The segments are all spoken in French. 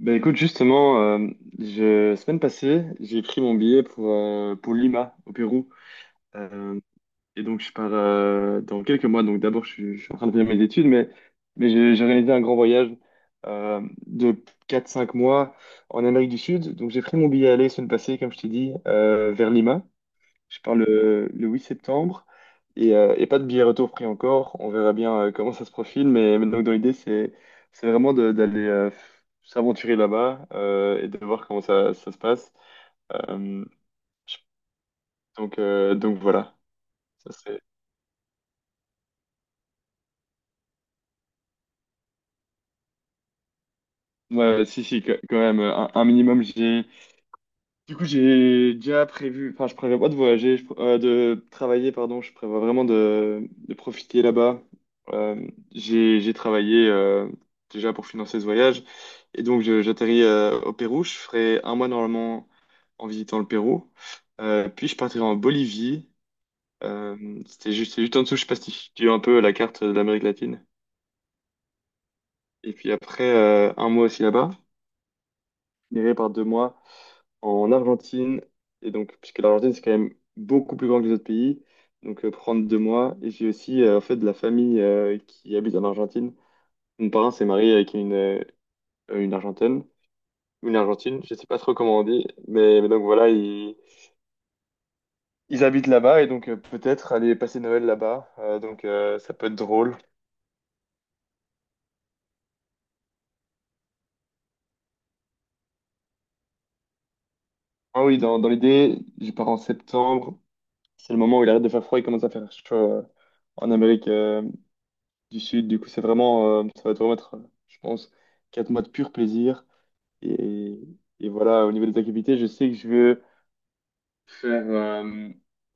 Ben écoute, justement, semaine passée, j'ai pris mon billet pour Lima, au Pérou. Euh, et donc, je pars dans quelques mois. Donc, d'abord, je suis en train de finir mes études, mais j'ai réalisé un grand voyage euh, de quatre cinq mois en Amérique du Sud. Donc, j'ai pris mon billet aller semaine passée, comme je t'ai dit, vers Lima. Je pars le 8 septembre et pas de billet retour pris encore. On verra bien comment ça se profile, mais donc dans l'idée, c'est vraiment d'aller s'aventurer là-bas et de voir comment ça se passe. Euh, je- donc, voilà. Ça serait... Ouais, ouais, si, si, quand même, un minimum, j'y ai... Du coup, j'ai déjà prévu, enfin, je prévois pas de voyager, de travailler, pardon, je prévois vraiment de profiter là-bas. J'ai travaillé déjà pour financer ce voyage, et donc j'atterris au Pérou, je ferai un mois normalement en visitant le Pérou. Puis je partirai en Bolivie. C'est juste en dessous, je sais pas si tu as un peu la carte de l'Amérique latine, et puis après un mois aussi là-bas, je finirai par 2 mois en Argentine. Et donc, puisque l'Argentine, c'est quand même beaucoup plus grand que les autres pays, donc prendre 2 mois. Et j'ai aussi en fait de la famille qui habite en Argentine. Mon parrain s'est marié avec une Argentine, je sais pas trop comment on dit, mais donc voilà, ils habitent là-bas et donc peut-être aller passer Noël là-bas. Donc, ça peut être drôle. Ah oui, dans l'idée, je pars en septembre. C'est le moment où il arrête de faire froid, et commence à faire chaud en Amérique. Du Sud. Du coup, c'est vraiment, ça va te remettre, je pense, 4 mois de pur plaisir. Et, et voilà, au niveau des activités, je sais que je veux faire.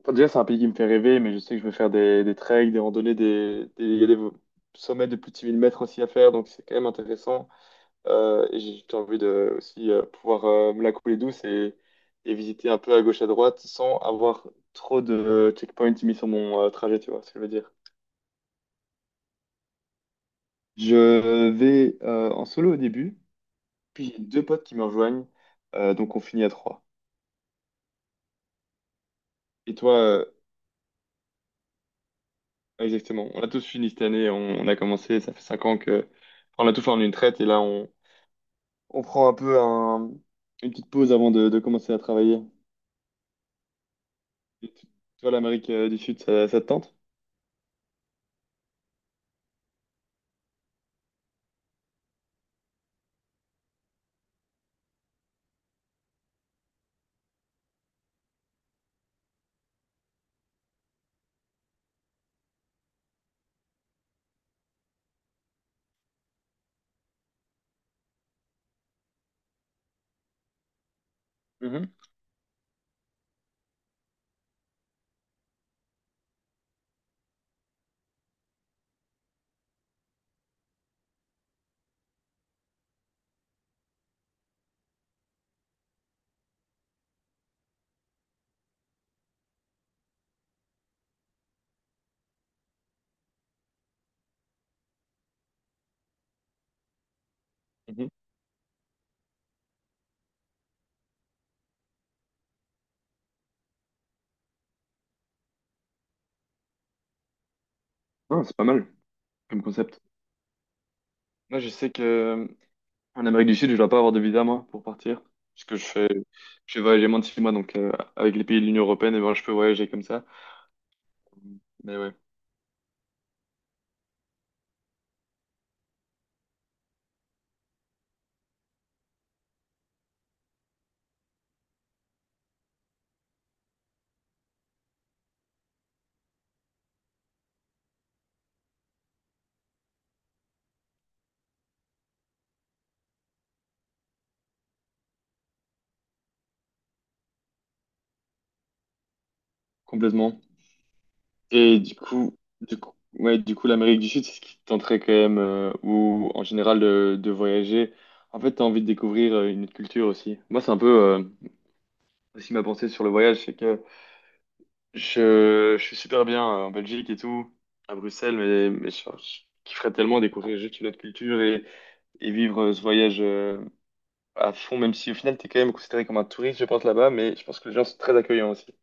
Enfin, déjà, c'est un pays qui me fait rêver, mais je sais que je veux faire des treks, des randonnées, il y a des sommets de plus de 6 000 mètres aussi à faire, donc c'est quand même intéressant. Et J'ai envie de aussi pouvoir me la couler douce et visiter un peu à gauche à droite sans avoir trop de checkpoints mis sur mon trajet, tu vois ce que je veux dire. Je vais en solo au début. Puis j'ai deux potes qui me rejoignent, donc on finit à trois. Et toi, exactement, on a tous fini cette année, on a commencé, ça fait 5 ans que enfin, on a tout fait en une traite, et là on prend un peu une petite pause avant de commencer à travailler. Et toi, l'Amérique du Sud, ça te tente? Mhm, mhm. Non, c'est pas mal comme concept. Moi, je sais que en Amérique du Sud, je dois pas avoir de visa moi pour partir, parce que je vais voyager moins de 6 mois, donc avec les pays de l'Union européenne, et ben, je peux voyager comme ça. Mais ouais, complètement. Et du coup, ouais, l'Amérique du Sud, c'est ce qui te tenterait quand même, ou en général de voyager. En fait, t'as envie de découvrir une autre culture aussi. Moi, c'est un peu euh, aussi ma pensée sur le voyage, c'est que je suis super bien en Belgique et tout, à Bruxelles, mais je kifferais tellement découvrir juste une autre culture et vivre ce voyage à fond, même si au final, t'es quand même considéré comme un touriste, je pense, là-bas, mais je pense que les gens sont très accueillants aussi.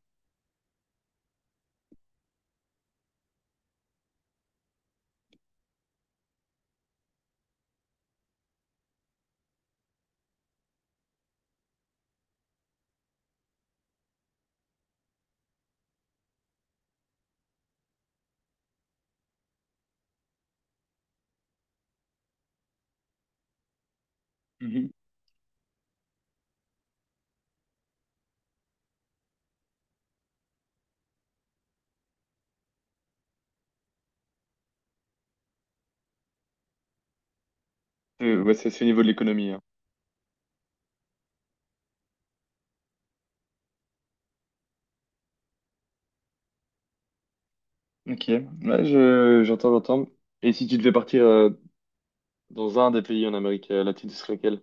Mhm. Ouais, ça, c'est au niveau de l'économie, hein. Ok, ouais, j'entends, j'entends. Et si tu devais partir dans un des pays en Amérique latine, ce serait lequel?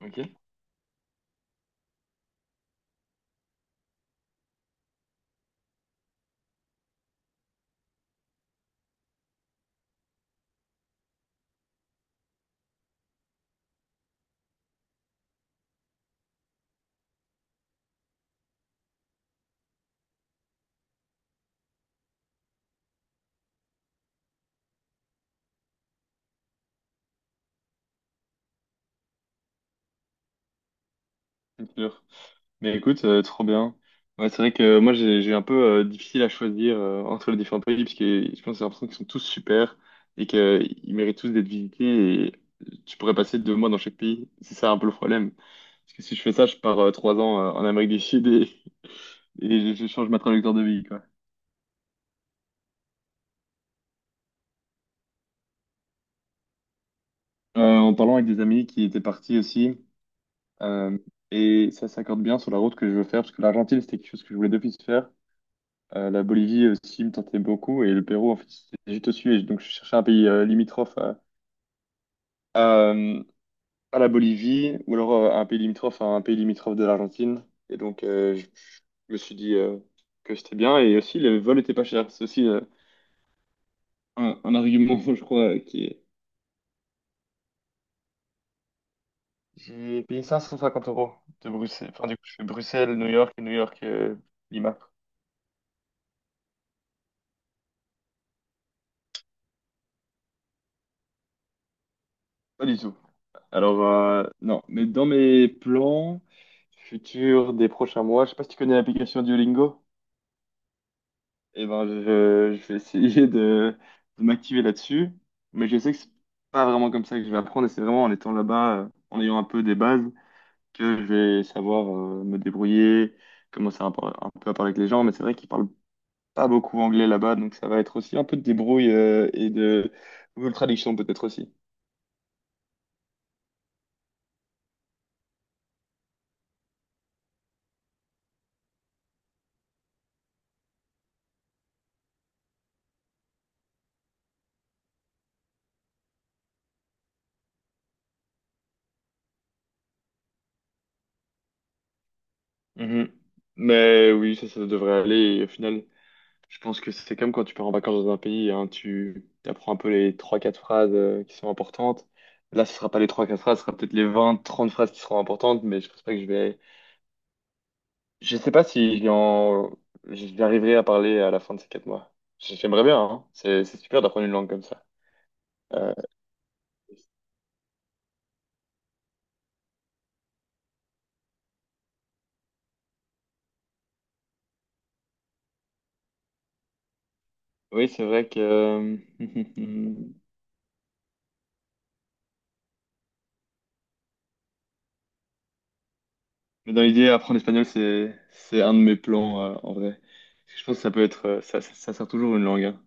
Ok, c'est sûr. Mais écoute, trop bien. Ouais, c'est vrai que moi, j'ai un peu difficile à choisir entre les différents pays, parce que je pense que j'ai l'impression qu'ils sont tous super et qu'ils méritent tous d'être visités et tu pourrais passer 2 mois dans chaque pays. C'est ça un peu le problème. Parce que si je fais ça, je pars 3 ans en Amérique du Sud et, et je change ma trajectoire de vie, quoi. En parlant avec des amis qui étaient partis aussi, Euh, et ça s'accorde bien sur la route que je veux faire, parce que l'Argentine, c'était quelque chose que je voulais depuis faire. La Bolivie aussi me tentait beaucoup, et le Pérou, en fait, c'était juste au-dessus. Et donc, je cherchais un pays limitrophe à, euh, à la Bolivie, ou alors un pays limitrophe à un pays limitrophe de l'Argentine. Et donc, je me suis dit que c'était bien, et aussi, le vol était pas cher. C'est aussi un argument, je crois, qui est... J'ai payé 550 euros de Bruxelles. Enfin, du coup, je fais Bruxelles, New York, et New York, Lima. Pas du tout. Alors, non, mais dans mes plans futurs des prochains mois, je sais pas si tu connais l'application Duolingo, et ben je vais essayer de m'activer là-dessus, mais je sais que c'est pas vraiment comme ça que je vais apprendre, et c'est vraiment en étant là-bas, en ayant un peu des bases, que je vais savoir me débrouiller, commencer un peu à parler avec les gens, mais c'est vrai qu'ils parlent pas beaucoup anglais là-bas, donc ça va être aussi un peu de débrouille et de Google Traduction peut-être aussi. Mhm. Mais oui, ça devrait aller. Et au final, je pense que c'est comme quand tu pars en vacances dans un pays, hein, tu apprends un peu les trois quatre phrases qui sont importantes. Là, ce sera pas les trois quatre phrases, ce sera peut-être les vingt trente phrases qui seront importantes, mais je pense pas que je vais... Je sais pas si j'y en... j'arriverai à parler à la fin de ces 4 mois. J'aimerais bien, hein. C'est super d'apprendre une langue comme ça. Euh, oui, c'est vrai que... Mais dans l'idée, apprendre l'espagnol, c'est un de mes plans, en vrai. Parce que je pense que ça peut être... Ça, ça sert toujours une langue, hein.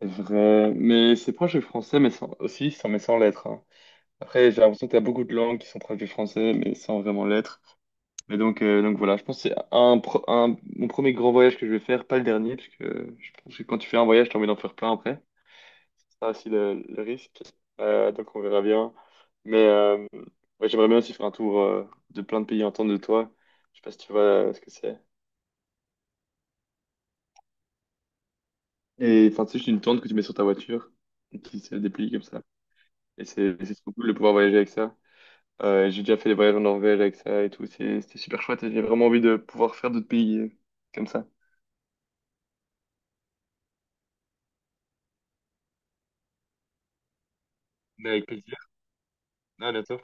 Vrai. Mais c'est proche du français, mais aussi sans, mais sans l'être, hein. Après, j'ai l'impression que tu as beaucoup de langues qui sont proches du français, mais sans vraiment l'être. Mais donc, voilà, je pense que c'est mon premier grand voyage que je vais faire, pas le dernier, parce que je pense que quand tu fais un voyage, tu as envie d'en faire plein après. C'est ça aussi le risque. Donc on verra bien. Mais ouais, j'aimerais bien aussi faire un tour de plein de pays en tente de toi. Je sais pas si tu vois ce que c'est. Et enfin, c'est juste une tente que tu mets sur ta voiture, et qui se déplie comme ça. Et c'est trop cool de pouvoir voyager avec ça. J'ai déjà fait des voyages en Norvège avec ça et tout. C'était super chouette et j'ai vraiment envie de pouvoir faire d'autres pays comme ça. Mais avec plaisir. À bientôt.